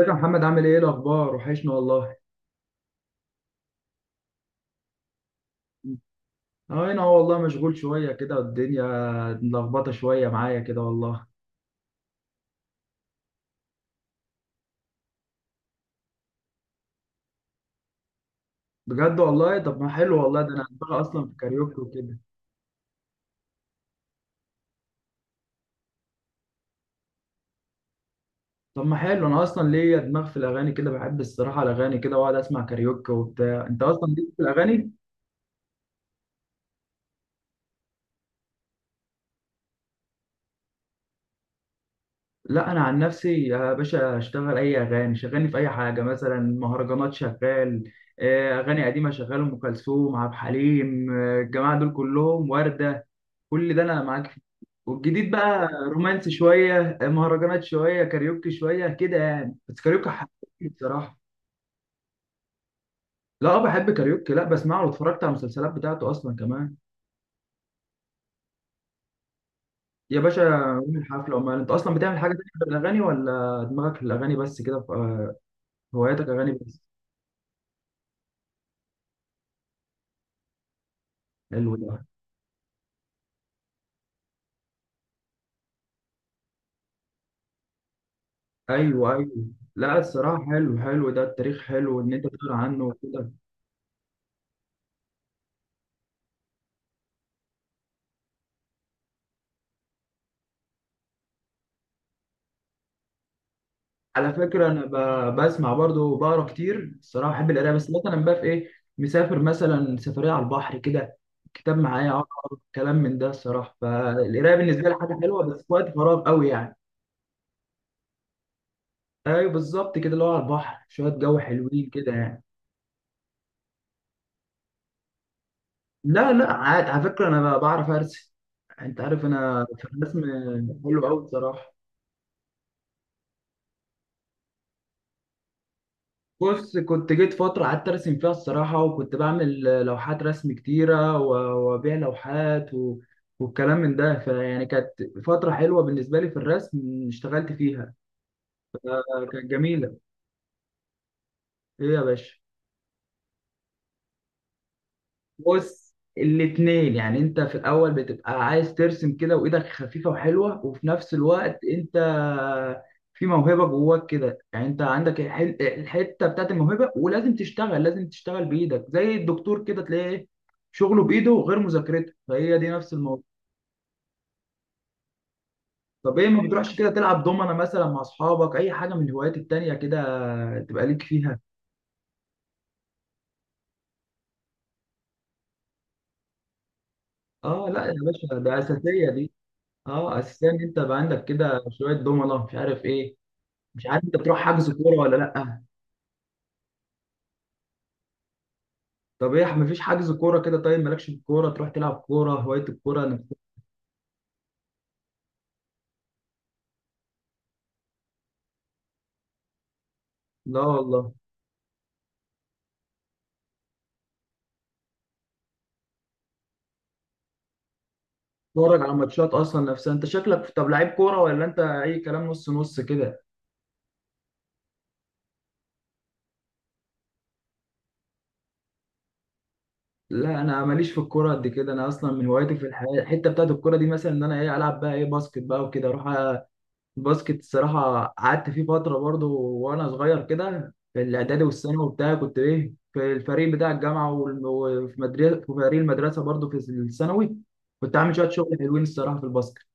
ازيك يا محمد؟ عامل ايه؟ إيه الاخبار؟ وحشنا والله. اه، انا والله مشغول شويه كده، الدنيا ملخبطه شويه معايا كده والله. بجد والله، طب ما حلو والله، ده انا دماغي اصلا في كاريوكي وكده. طب ما حلو، انا اصلا ليا دماغ في الاغاني كده، بحب الصراحه الاغاني كده، واقعد اسمع كاريوكي وبتاع. انت اصلا ليك في الاغاني؟ لا انا عن نفسي يا باشا اشتغل اي اغاني، شغلني في اي حاجه، مثلا مهرجانات شغال، اغاني قديمه شغال، ام كلثوم، عبد الحليم، الجماعه دول كلهم، ورده، كل ده انا معاك فيه. والجديد بقى رومانسي شويه، مهرجانات شويه، كاريوكي شويه كده يعني، بس كاريوكي حبيبي بصراحه. لا بحب كاريوكي، لا بسمعه، واتفرجت على المسلسلات بتاعته اصلا كمان. يا باشا، يوم الحفله. امال انت اصلا بتعمل حاجه تانية غير الاغاني، ولا دماغك في الاغاني بس كده؟ هواياتك اغاني بس؟ حلو ده. ايوه ايوه. لا الصراحه حلو حلو ده، التاريخ حلو ان انت تقرا عنه وكده. على فكرة أنا بسمع برضه وبقرا كتير الصراحة، بحب القراية، بس مثلا بقى في إيه، مسافر مثلا سفرية على البحر كده، كتاب معايا أقرأ كلام من ده الصراحة. فالقراية بالنسبة لي حاجة حلوة، بس في وقت فراغ قوي يعني. أيوه بالظبط كده، اللي هو على البحر شوية، جو حلوين كده يعني. لا لا، عادي، على فكرة أنا بعرف أرسم. أنت عارف أنا في الرسم. حلو أوي الصراحة. بص، كنت جيت فترة قعدت أرسم فيها الصراحة، وكنت بعمل لوحات رسم كتيرة، وأبيع لوحات والكلام من ده، فيعني كانت فترة حلوة بالنسبة لي في الرسم، اشتغلت فيها. كانت جميلة. إيه يا باشا؟ بص الاتنين يعني، انت في الاول بتبقى عايز ترسم كده وايدك خفيفة وحلوة، وفي نفس الوقت انت في موهبة جواك كده، يعني انت عندك الحتة بتاعت الموهبة، ولازم تشتغل، لازم تشتغل بايدك، زي الدكتور كده تلاقيه ايه شغله بايده غير مذاكرته، فهي دي نفس الموضوع. طب ايه، ما بتروحش كده تلعب دومنة مثلا مع اصحابك؟ اي حاجة من الهوايات التانية كده تبقى ليك فيها؟ اه لا يا باشا، ده اساسية دي. اه اساسية ان انت يبقى عندك كده شوية دومنة، مش عارف ايه. مش عارف انت بتروح حجز كوره ولا لا؟ طب ايه، مفيش حجز كوره كده؟ طيب مالكش في الكوره، تروح تلعب كوره، هوايه الكوره نفسها؟ لا والله. تتفرج على ماتشات اصلا نفسها؟ انت شكلك طب لعيب كوره، ولا انت اي كلام نص نص كده؟ لا انا ماليش في الكوره قد كده، انا اصلا من هوايتي في الحياه، الحته بتاعت الكوره دي مثلا ان انا ايه، العب بقى ايه، باسكت بقى وكده اروح. الباسكت الصراحة قعدت فيه فترة برضه، وأنا صغير كده في الإعدادي والثانوي وبتاع، كنت إيه في الفريق بتاع الجامعة، وفي مدرسة في فريق المدرسة برضه في الثانوي، كنت عامل شوية شغل حلوين الصراحة في الباسكت.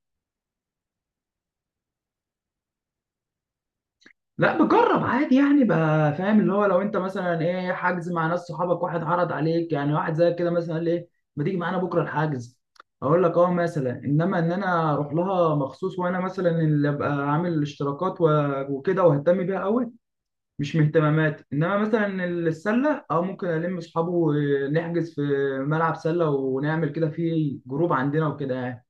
لا بجرب عادي يعني بقى، فاهم، اللي هو لو أنت مثلا إيه حجز مع ناس صحابك، واحد عرض عليك يعني، واحد زي كده مثلا قال لي إيه، ما تيجي معانا بكرة الحجز، أقول لك أه مثلا. إنما إن أنا أروح لها مخصوص وأنا مثلا اللي أبقى عامل الاشتراكات وكده، وأهتم بيها أوي، مش من اهتماماتي. انما مثلا السله، اه ممكن الم اصحابه ونحجز في ملعب سله، ونعمل كده في جروب عندنا وكده يعني.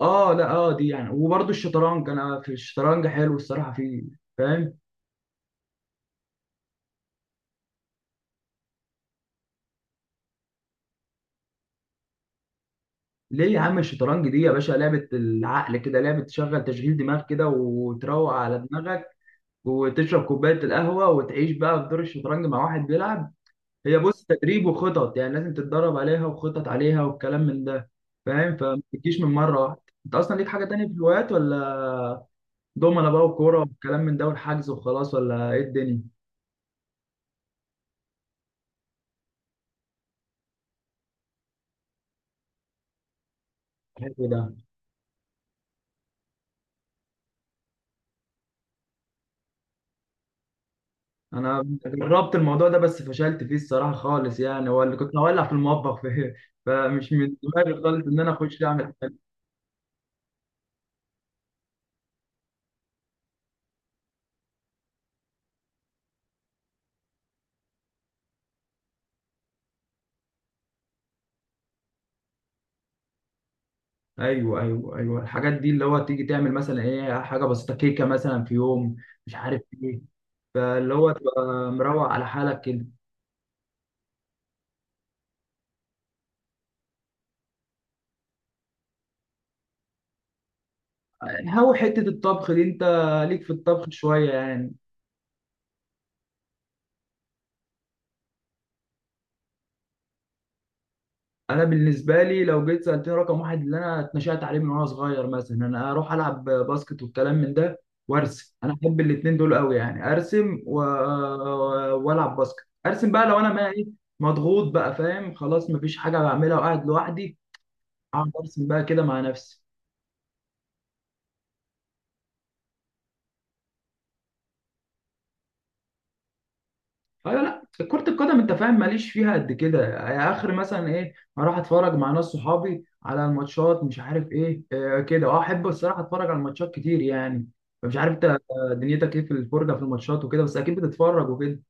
اه لا، اه دي يعني. وبرضه الشطرنج، انا في الشطرنج حلو الصراحه فيه، فاهم. ليه يا عم، الشطرنج دي يا باشا لعبه العقل كده، لعبه تشغل تشغيل دماغ كده، وتروق على دماغك، وتشرب كوبايه القهوه، وتعيش بقى في دور الشطرنج مع واحد بيلعب. هي بص، تدريب وخطط يعني، لازم تتدرب عليها وخطط عليها والكلام من ده، فاهم، فما تجيش من مره واحده. انت اصلا ليك حاجه تانية في الهوايات ولا؟ دومنه بقى، وكوره، والكلام من ده، والحجز وخلاص، ولا ايه الدنيا؟ حلو ده. انا جربت الموضوع ده بس فشلت فيه الصراحه خالص يعني، هو اللي كنت هولع في المطبخ فيه، فمش من دماغي خالص ان انا اخش اعمل حاجه. ايوه ايوه ايوه، الحاجات دي اللي هو تيجي تعمل مثلا ايه، حاجه بسيطه، كيكه مثلا في يوم، مش عارف ايه. فاللي هو تبقى مروق على حالك كده. هو حتة الطبخ دي، انت ليك في الطبخ شوية يعني؟ انا بالنسبة لي لو جيت سألتني رقم واحد اللي انا اتنشأت عليه من وانا صغير، مثلا انا اروح العب باسكت والكلام من ده، وارسم، انا احب الاتنين دول قوي يعني، ارسم والعب باسكت. ارسم بقى لو انا ما ايه، مضغوط بقى، فاهم، خلاص مفيش حاجة بعملها وقاعد لوحدي، اقعد ارسم بقى كده مع نفسي. ايوه لا، كرة القدم انت فاهم ماليش فيها قد كده يعني، اخر مثلا ايه اروح اتفرج مع ناس صحابي على الماتشات، مش عارف ايه، آه كده، اه احب الصراحة اتفرج على الماتشات كتير يعني. مش عارف انت، دنيتك ايه في الفرجة في الماتشات وكده؟ بس اكيد بتتفرج وكده.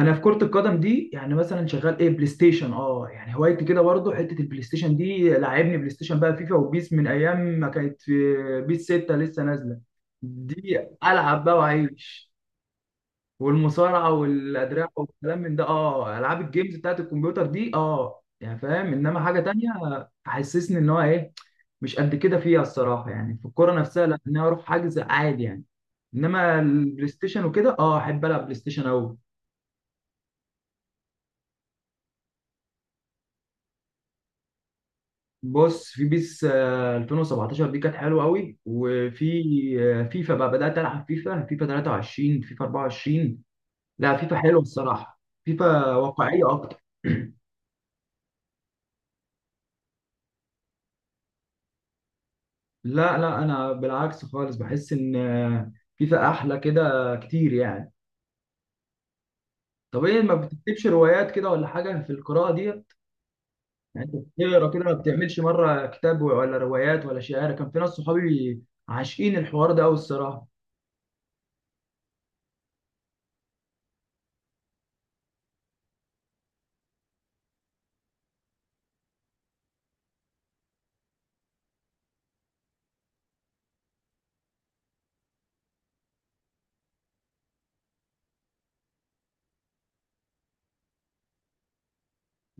انا في كرة القدم دي يعني مثلا شغال ايه، بلاي ستيشن، اه يعني هوايتي كده برضه، حتة البلاي ستيشن دي لعبني. بلاي ستيشن بقى، فيفا وبيس، من ايام ما كانت في بيس 6 لسه نازلة، دي العب بقى واعيش. والمصارعه والادراع والكلام من ده، اه، العاب الجيمز بتاعت الكمبيوتر دي، اه يعني فاهم. انما حاجه تانية حسسني ان هو ايه، مش قد كده فيها الصراحه يعني في الكوره نفسها، لا ان انا اروح حجز عادي يعني. انما البلاي ستيشن وكده، اه احب العب بلاي ستيشن قوي. بص في بيس 2017 دي كانت حلوه قوي. وفي فيفا بقى، بدات العب فيفا، فيفا 23، فيفا 24. لا فيفا حلوه الصراحه، فيفا واقعيه اكتر. لا لا انا بالعكس خالص، بحس ان فيفا احلى كده كتير يعني. طب ايه، ما بتكتبش روايات كده ولا حاجه في القراءه دي يعني؟ انت بتقرا كده، ما بتعملش مره كتاب، ولا روايات، ولا شعر؟ كان في ناس صحابي عاشقين الحوار ده قوي الصراحه.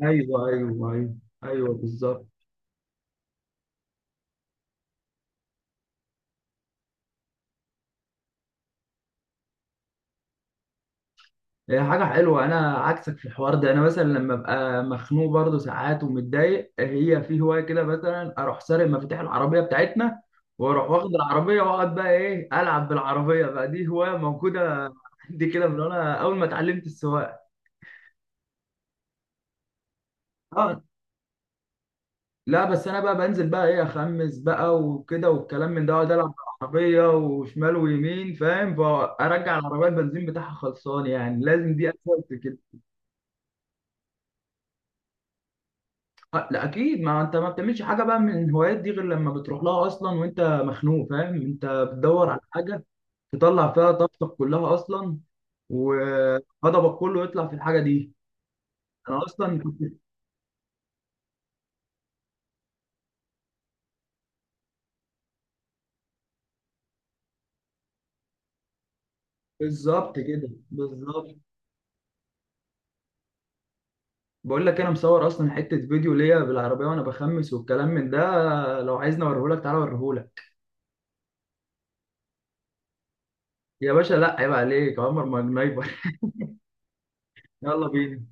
ايوه ايوه ايوه ايوه بالظبط. هي حاجة حلوة، أنا عكسك في الحوار ده. أنا مثلا لما أبقى مخنوق برضه ساعات ومتضايق، هي في هواية كده مثلا، أروح سارق مفاتيح العربية بتاعتنا، وأروح واخد العربية، وأقعد بقى إيه ألعب بالعربية بقى. دي هواية موجودة عندي كده من وأنا أول ما اتعلمت السواقة. أه لا، بس أنا بقى بنزل بقى إيه، أخمس بقى وكده والكلام من ده، وأقعد ألعب بالعربية، وشمال ويمين فاهم، فأرجع العربية البنزين بتاعها خلصان يعني، لازم دي أساسي كده. لا اكيد، ما انت ما بتعملش حاجه بقى من الهوايات دي غير لما بتروح لها اصلا وانت مخنوق، فاهم، انت بتدور على حاجه تطلع فيها طاقتك كلها اصلا، وغضبك كله يطلع في الحاجه دي. انا اصلا كنت. بالظبط كده، بالظبط. بقول لك انا مصور اصلا حته فيديو ليا بالعربيه وانا بخمس والكلام من ده، لو عايزني اوريهولك تعالى اوريهولك. يا باشا لا عيب عليك، عمر ما جنايبر. يلا بينا.